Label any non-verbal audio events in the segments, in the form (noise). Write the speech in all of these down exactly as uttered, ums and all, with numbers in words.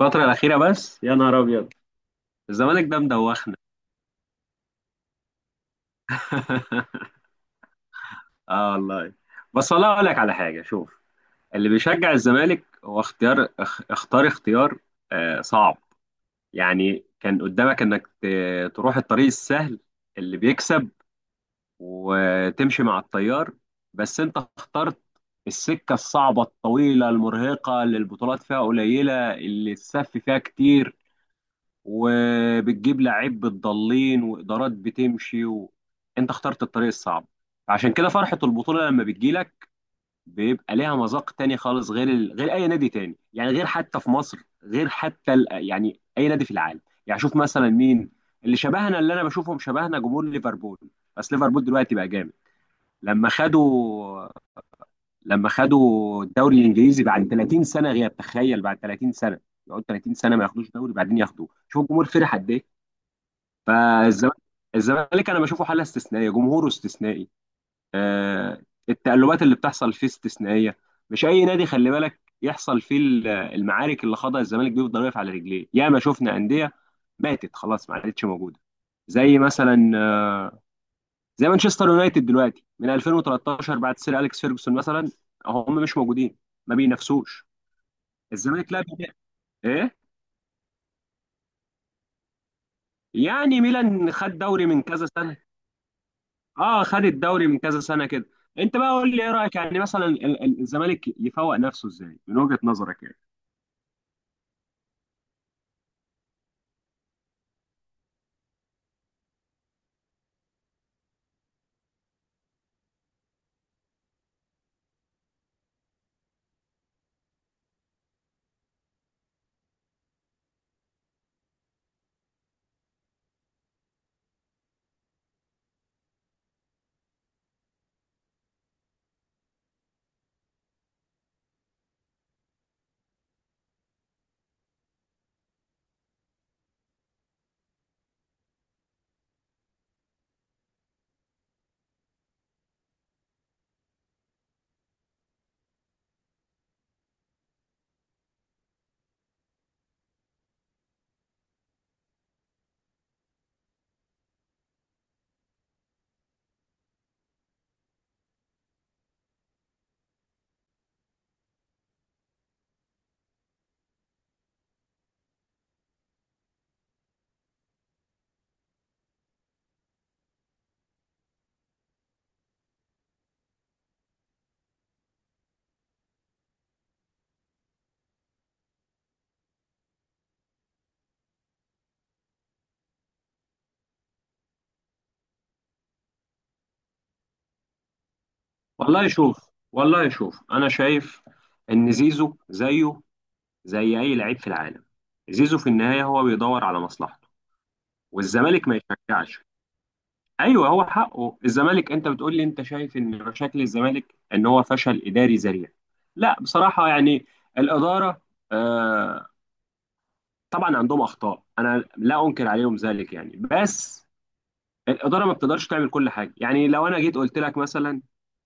الفترة الأخيرة بس يا نهار أبيض. الزمالك ده مدوخنا. (laughs) اه والله. بس والله اقول لك على حاجه، شوف، اللي بيشجع الزمالك هو اختيار، اخ- اختار اختيار آه صعب. يعني كان قدامك انك ت- تروح الطريق السهل اللي بيكسب وتمشي مع التيار، بس انت اخترت السكه الصعبه الطويله المرهقه اللي البطولات فيها قليله اللي السف فيها كتير، وبتجيب لعيب بتضلين وادارات بتمشي و... انت اخترت الطريق الصعب. فعشان كده فرحه البطوله لما بتجيلك بيبقى ليها مذاق تاني خالص غير ال... غير اي نادي تاني، يعني غير حتى في مصر، غير حتى ال... يعني اي نادي في العالم. يعني شوف مثلا مين اللي شبهنا، اللي انا بشوفهم شبهنا جمهور ليفربول. بس ليفربول دلوقتي بقى جامد. لما خدوا لما خدوا الدوري الانجليزي بعد ثلاثين سنه غياب، تخيل، بعد ثلاثين سنه، يقعدوا ثلاثين سنه ما ياخدوش دوري بعدين ياخدوه، شوف الجمهور فرح قد ايه. فالزمالك الزمالك انا بشوفه حاله استثنائيه، جمهوره استثنائي آه، التقلبات اللي بتحصل فيه استثنائيه. مش اي نادي خلي بالك يحصل فيه ال- المعارك اللي خاضها الزمالك. بيفضل واقف على رجليه. ياما شفنا انديه ماتت خلاص، ما عادتش موجوده. زي مثلا آه، زي مانشستر يونايتد دلوقتي من ألفين وثلاثة عشر بعد سير اليكس فيرجسون مثلا، هم مش موجودين، ما بينافسوش. الزمالك لا بي- ايه؟ يعني ميلان خد دوري من كذا سنه. اه، خد الدوري من كذا سنه كده. انت بقى قول لي ايه رايك، يعني مثلا ال- ال- الزمالك يفوق نفسه ازاي من وجهه نظرك يعني؟ والله شوف، والله شوف، انا شايف ان زيزو زيه زي اي لعيب في العالم. زيزو في النهايه هو بيدور على مصلحته، والزمالك ما يشجعش. ايوه هو حقه الزمالك. انت بتقول لي انت شايف ان مشاكل الزمالك ان هو فشل اداري ذريع؟ لا بصراحه، يعني الاداره آه، طبعا عندهم اخطاء، انا لا انكر عليهم ذلك، يعني بس الاداره ما بتقدرش تعمل كل حاجه. يعني لو انا جيت قلت لك مثلا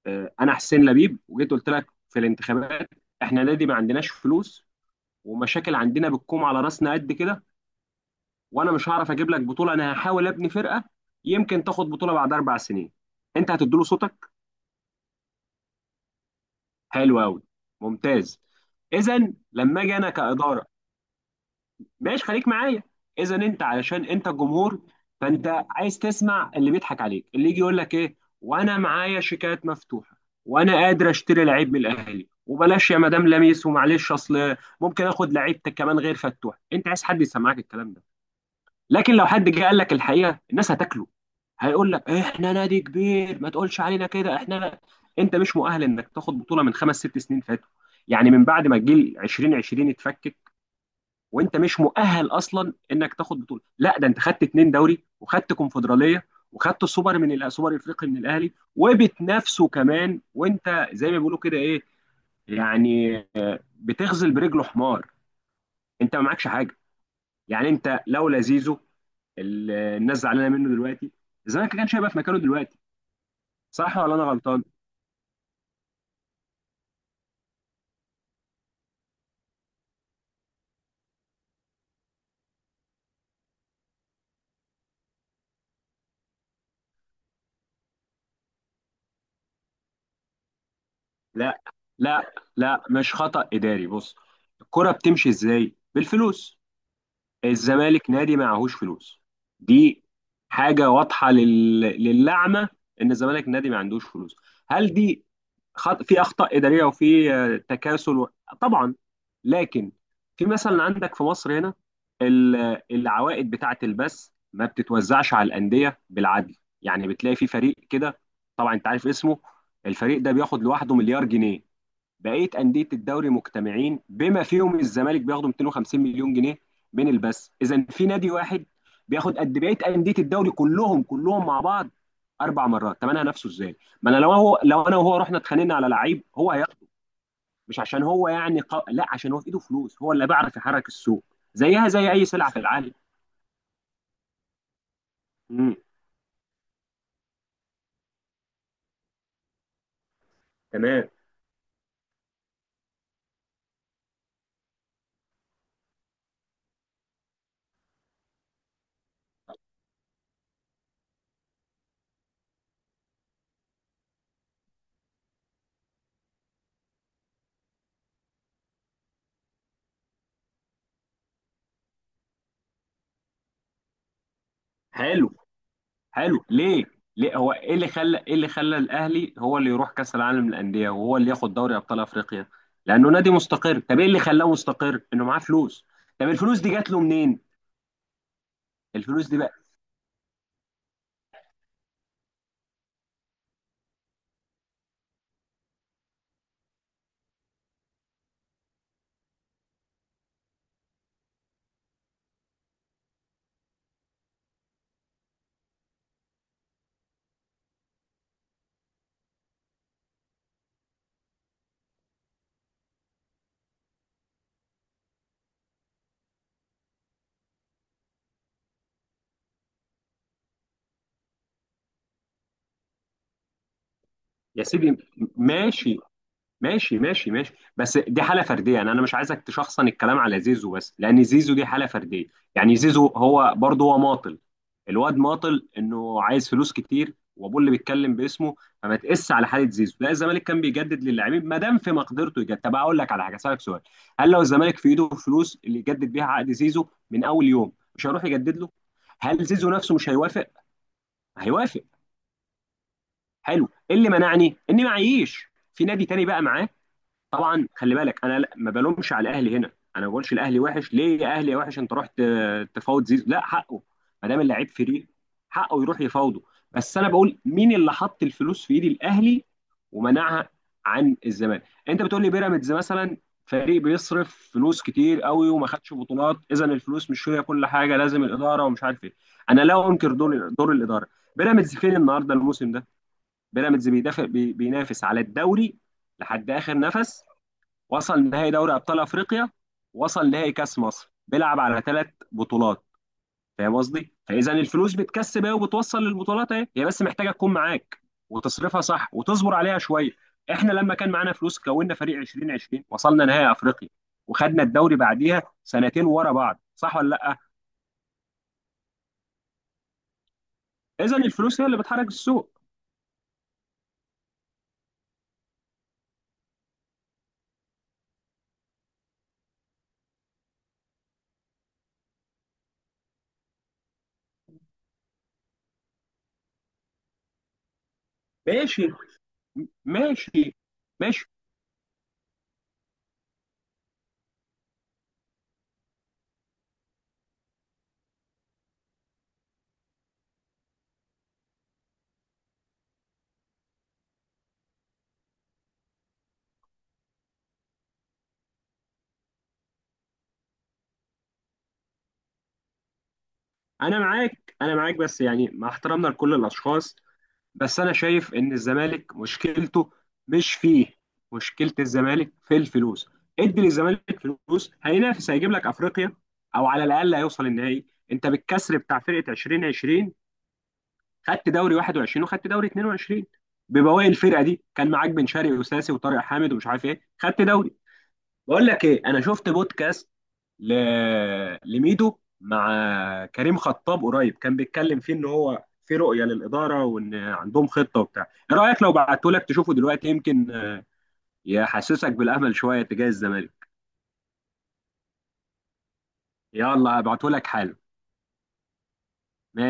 آه، انا حسين لبيب وجيت قلت لك في الانتخابات، احنا نادي ما عندناش فلوس ومشاكل عندنا بتكوم على راسنا قد كده، وانا مش هعرف اجيب لك بطوله، انا هحاول ابني فرقه، يمكن تاخد بطوله بعد اربع سنين، انت هتديله صوتك؟ حلو قوي، ممتاز. اذا لما اجي انا كاداره، ماشي، خليك معايا، اذا انت علشان انت الجمهور، فانت عايز تسمع اللي بيضحك عليك، اللي يجي يقول لك ايه وانا معايا شيكات مفتوحه وانا قادر اشتري لعيب من الاهلي وبلاش يا مدام لميس ومعلش اصل ممكن اخد لعيب كمان غير فتوح. انت عايز حد يسمعك الكلام ده، لكن لو حد جه قال لك الحقيقه الناس هتاكله. هيقول لك احنا نادي كبير ما تقولش علينا كده، احنا لا. انت مش مؤهل انك تاخد بطوله من خمس ست سنين فاتوا، يعني من بعد ما الجيل ألفين وعشرين اتفك، وانت مش مؤهل اصلا انك تاخد بطوله، لا، ده انت خدت اتنين دوري وخدت كونفدراليه وخدت السوبر من الأ- السوبر الافريقي من الاهلي وبتنافسه كمان، وانت زي ما بيقولوا كده، ايه يعني، بتغزل برجله حمار، انت ما معكش حاجه. يعني انت لولا زيزو، ال- الناس زعلانه منه دلوقتي، الزمالك كان هيبقى في مكانه دلوقتي، صح ولا انا غلطان؟ لا لا لا مش خطأ اداري، بص، الكرة بتمشي ازاي؟ بالفلوس، الزمالك نادي معهوش فلوس. دي حاجة واضحة لل... للعمى، إن الزمالك نادي ما عندوش فلوس. هل دي خط... في أخطاء إدارية وفي آه، تكاسل و... طبعا، لكن في مثلا عندك في مصر هنا ال- العوائد بتاعة البث ما بتتوزعش على الأندية بالعدل. يعني بتلاقي في فريق كده، طبعا أنت عارف اسمه، الفريق ده بياخد لوحده مليار جنيه، بقيه انديه الدوري مجتمعين بما فيهم الزمالك بياخدوا مئتين وخمسين مليون جنيه من البث. اذا في نادي واحد بياخد قد بقيه انديه الدوري كلهم كلهم مع بعض اربع مرات، طب انا هنافسه ازاي؟ ما انا لو هو، لو انا وهو رحنا اتخانقنا على لعيب هو هياخد، مش عشان هو يعني ق... لا، عشان هو في ايده فلوس، هو اللي بيعرف يحرك السوق، زيها زي اي سلعه في العالم. امم، تمام، حلو. حلو ليه؟ ليه هو ايه اللي خلى ايه اللي خلى الاهلي هو اللي يروح كاس العالم للانديه وهو اللي ياخد دوري ابطال افريقيا؟ لانه نادي مستقر. طب ايه اللي خلاه مستقر؟ انه معاه فلوس. طب الفلوس دي جات له منين؟ الفلوس دي بقى، يا سيدي ماشي، ماشي ماشي ماشي بس دي حاله فرديه، يعني انا مش عايزك تشخصن الكلام على زيزو، بس لان زيزو دي حاله فرديه. يعني زيزو هو برضه هو ماطل، الواد ماطل انه عايز فلوس كتير وابوه اللي بيتكلم باسمه. فما تقس على حاله زيزو، لا، الزمالك كان بيجدد للاعبين ما دام في مقدرته يجدد. طب اقول لك على حاجه، اسالك سؤال، هل لو الزمالك في ايده فلوس اللي يجدد بيها عقد زيزو من اول يوم، مش هيروح يجدد له؟ هل زيزو نفسه مش هيوافق؟ هيوافق. حلو، إيه اللي منعني اني معيش في نادي تاني بقى معاه؟ طبعا خلي بالك انا لا- ما بلومش على الاهلي هنا، انا ما بقولش الاهلي وحش، ليه يا اهلي يا وحش انت رحت آه، تفاوض زيزو، لا حقه، ما دام اللعيب فري حقه يروح يفاوضه. بس انا بقول مين اللي حط الفلوس في ايد الاهلي ومنعها عن الزمالك؟ انت بتقول لي بيراميدز مثلا، فريق بيصرف فلوس كتير قوي وما خدش بطولات، اذا الفلوس مش هي كل حاجه، لازم الاداره ومش عارف ايه. انا لا انكر دور دور الاداره. بيراميدز فين النهارده الموسم ده؟ بيراميدز بيدافع، بي- بينافس على الدوري لحد اخر نفس، وصل نهائي دوري ابطال افريقيا، وصل نهائي كاس مصر، بيلعب على ثلاث بطولات. فاهم قصدي؟ فاذا الفلوس بتكسب اهي وبتوصل للبطولات اهي، هي بس محتاجه تكون معاك وتصرفها صح وتصبر عليها شويه. احنا لما كان معانا فلوس كونا فريق ألفين وعشرين، وصلنا نهائي افريقيا، وخدنا الدوري بعديها سنتين ورا بعض، صح ولا لا؟ اذا الفلوس هي اللي بتحرك السوق. ماشي ماشي ماشي انا معاك، انا معاك، بس يعني مع احترامنا لكل الاشخاص، بس انا شايف ان الزمالك مشكلته مش فيه، مشكله الزمالك في الفلوس. ادي للزمالك فلوس هينافس، هيجيب لك افريقيا، او على الاقل هيوصل النهائي. انت بالكسر بتاع فرقه ألفين وعشرين خدت دوري واحد وعشرين وخدت دوري اتنين وعشرين ببواقي الفرقه دي، كان معاك بن شرقي وساسي وطارق حامد ومش عارف ايه خدت دوري. بقول لك ايه، انا شفت بودكاست ل... لميدو مع كريم خطاب قريب، كان بيتكلم فيه ان هو في رؤيه للاداره وان عندهم خطه وبتاع. ايه رايك لو بعته لك تشوفه دلوقتي، يمكن يحسسك بالامل شويه تجاه الزمالك. يلا هبعته لك حالا. ماشي.